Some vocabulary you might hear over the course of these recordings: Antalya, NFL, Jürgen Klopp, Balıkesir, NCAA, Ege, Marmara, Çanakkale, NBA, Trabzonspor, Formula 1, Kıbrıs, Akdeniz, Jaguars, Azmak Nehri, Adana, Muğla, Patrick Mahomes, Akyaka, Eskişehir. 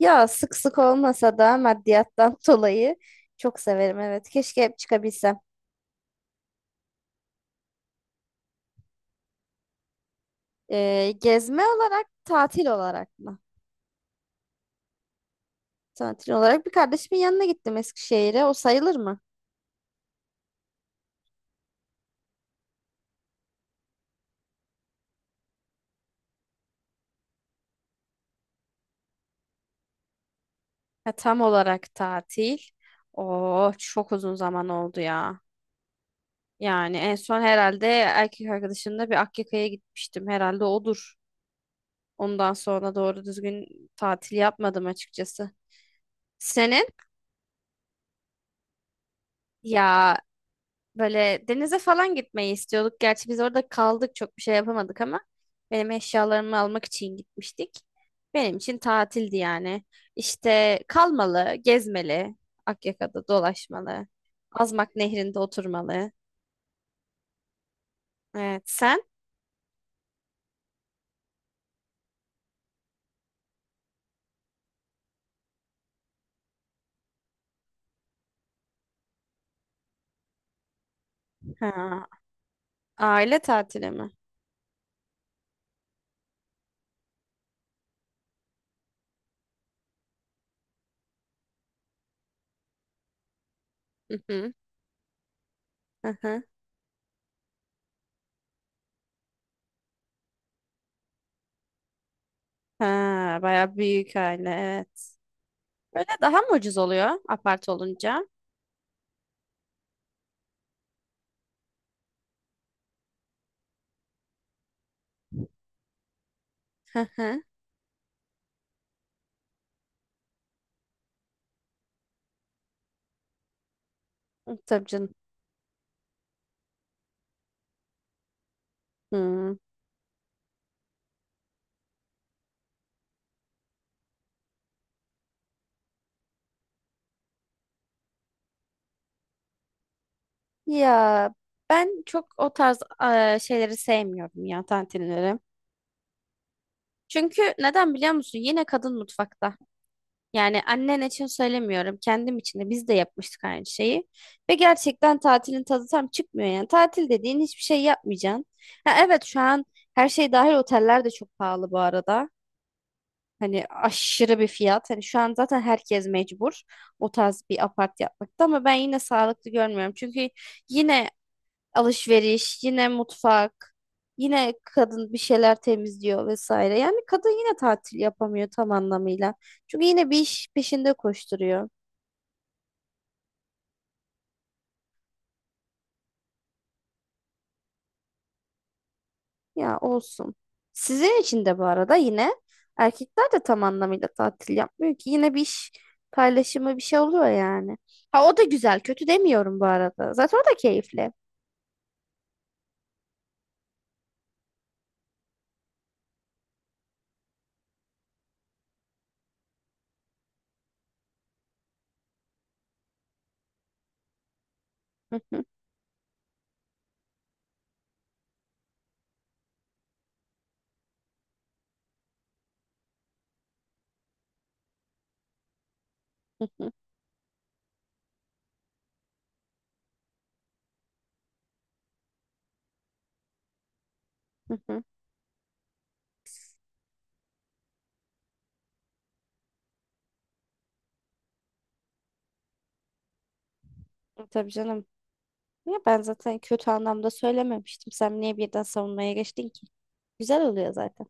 Ya sık sık olmasa da maddiyattan dolayı çok severim, evet. Keşke hep çıkabilsem. Gezme olarak, tatil olarak mı? Tatil olarak bir kardeşimin yanına gittim, Eskişehir'e. O sayılır mı? Ha, tam olarak tatil. Oo, çok uzun zaman oldu ya. Yani en son herhalde erkek arkadaşımla bir Akyaka'ya gitmiştim. Herhalde odur. Ondan sonra doğru düzgün tatil yapmadım açıkçası. Senin? Ya, böyle denize falan gitmeyi istiyorduk. Gerçi biz orada kaldık, çok bir şey yapamadık ama benim eşyalarımı almak için gitmiştik. Benim için tatildi yani. İşte kalmalı, gezmeli, Akyaka'da dolaşmalı, Azmak Nehri'nde oturmalı. Evet, sen? Ha, aile tatili mi? Hı hı, hı hı. Ha, bayağı büyük aile, evet. Böyle daha mı ucuz oluyor apart olunca? Hı hı. Tabii canım. Hı. Ya ben çok o tarz şeyleri sevmiyorum ya, tantinleri. Çünkü neden biliyor musun? Yine kadın mutfakta. Yani annen için söylemiyorum. Kendim için de, biz de yapmıştık aynı şeyi. Ve gerçekten tatilin tadı tam çıkmıyor yani. Tatil dediğin hiçbir şey yapmayacaksın. Ha, evet şu an her şey dahil oteller de çok pahalı bu arada. Hani aşırı bir fiyat. Hani şu an zaten herkes mecbur o tarz bir apart yapmakta ama ben yine sağlıklı görmüyorum. Çünkü yine alışveriş, yine mutfak, yine kadın bir şeyler temizliyor vesaire. Yani kadın yine tatil yapamıyor tam anlamıyla. Çünkü yine bir iş peşinde koşturuyor. Ya olsun. Sizin için de bu arada yine erkekler de tam anlamıyla tatil yapmıyor ki. Yine bir iş paylaşımı bir şey oluyor yani. Ha, o da güzel, kötü demiyorum bu arada. Zaten o da keyifli. Tabii canım. Ya ben zaten kötü anlamda söylememiştim. Sen niye birden savunmaya geçtin ki? Güzel oluyor zaten.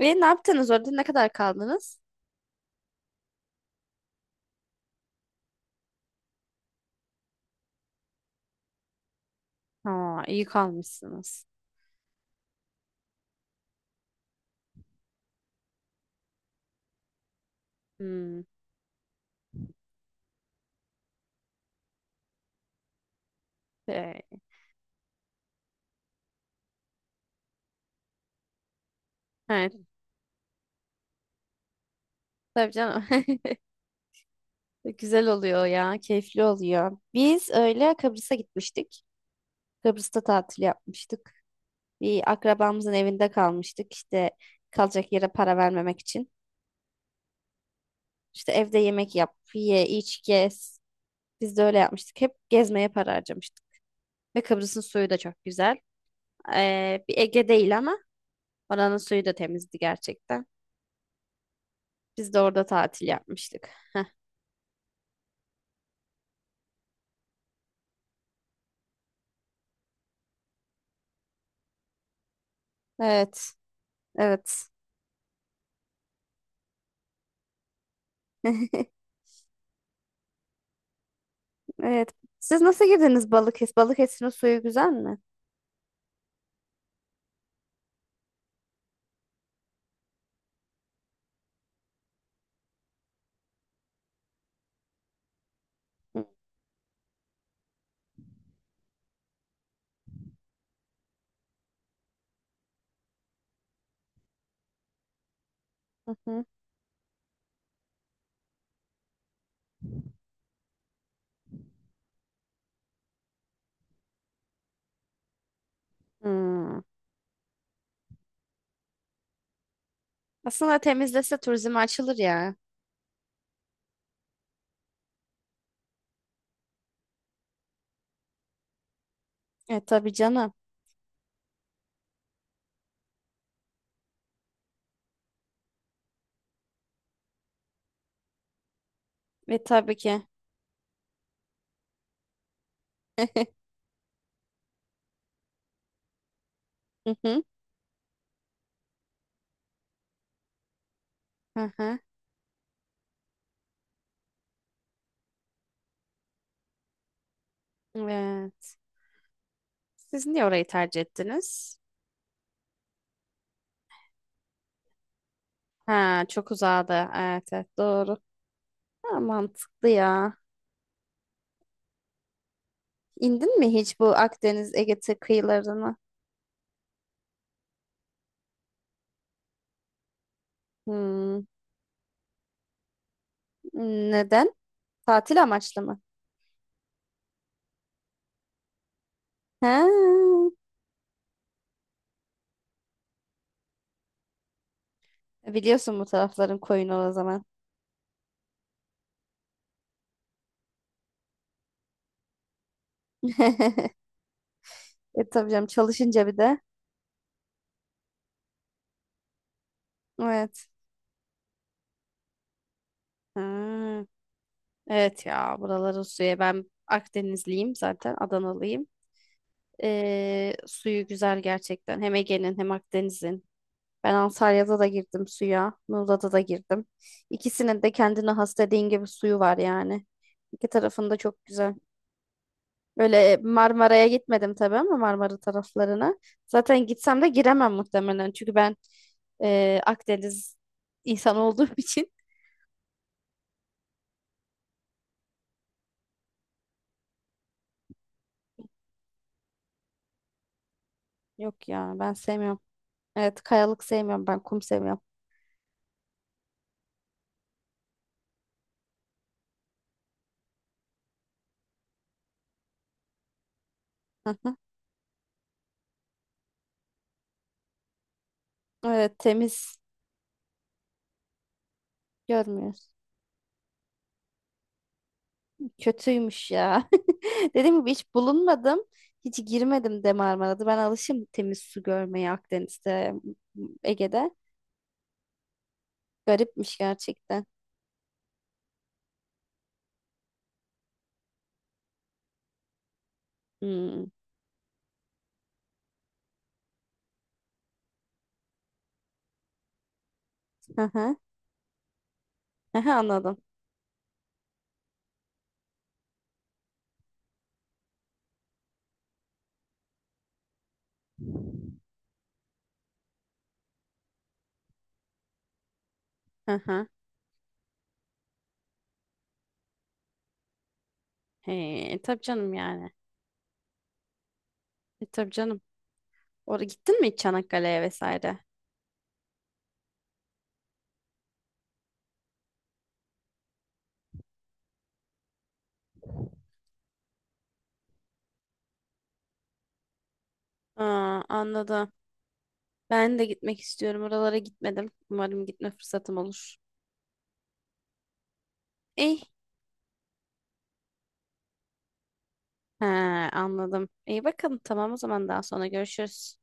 Ve ne yaptınız orada? Ne kadar kaldınız? Ha, iyi kalmışsınız. Hmm. e, Evet, tabii canım. Güzel oluyor ya, keyifli oluyor. Biz öyle Kıbrıs'a gitmiştik. Kıbrıs'ta tatil yapmıştık. Bir akrabamızın evinde kalmıştık. İşte kalacak yere para vermemek için. İşte evde yemek yap, ye, iç, gez. Biz de öyle yapmıştık. Hep gezmeye para harcamıştık. Ve Kıbrıs'ın suyu da çok güzel. Bir Ege değil ama oranın suyu da temizdi gerçekten. Biz de orada tatil yapmıştık. Evet, evet. Evet. Siz nasıl girdiniz Balıkesir? Balıkesir'in suyu güzel mi? Hı hı. Hmm. Aslında temizlese turizme açılır ya. E tabii canım. E tabii ki. Hı hı. Hı hı. Evet. Siz niye orayı tercih ettiniz? Ha, çok uzadı. Evet, evet doğru. Ha, mantıklı ya. İndin mi hiç bu Akdeniz Ege kıyılarına? Hmm. Neden? Tatil amaçlı mı? Ha, biliyorsun bu tarafların koyunu o zaman. E tabii canım çalışınca bir de. Evet. Ha, evet ya, buraları suya, ben Akdenizliyim zaten, Adanalıyım. Suyu güzel gerçekten. Hem Ege'nin hem Akdeniz'in. Ben Antalya'da da girdim suya. Muğla'da da girdim. İkisinin de kendine has, dediğin gibi, suyu var yani. İki tarafında çok güzel. Böyle Marmara'ya gitmedim tabii, ama Marmara taraflarına. Zaten gitsem de giremem muhtemelen. Çünkü ben Akdeniz insan olduğum için. Yok ya, ben sevmiyorum. Evet, kayalık sevmiyorum, ben kum seviyorum. Hı hı. Evet, temiz görmüyoruz. Kötüymüş ya. Dediğim gibi, hiç bulunmadım. Hiç girmedim de Marmara'da. Ben alışım temiz su görmeye, Akdeniz'de, Ege'de. Garipmiş gerçekten. Hmm. Hı hı. Hı hı, anladım. Hı hı. He, tabii canım yani. E, tabii canım. Oraya gittin mi hiç Çanakkale'ye vesaire? Aa, anladım. Ben de gitmek istiyorum. Oralara gitmedim. Umarım gitme fırsatım olur. İyi. He, anladım. İyi bakalım. Tamam, o zaman daha sonra görüşürüz.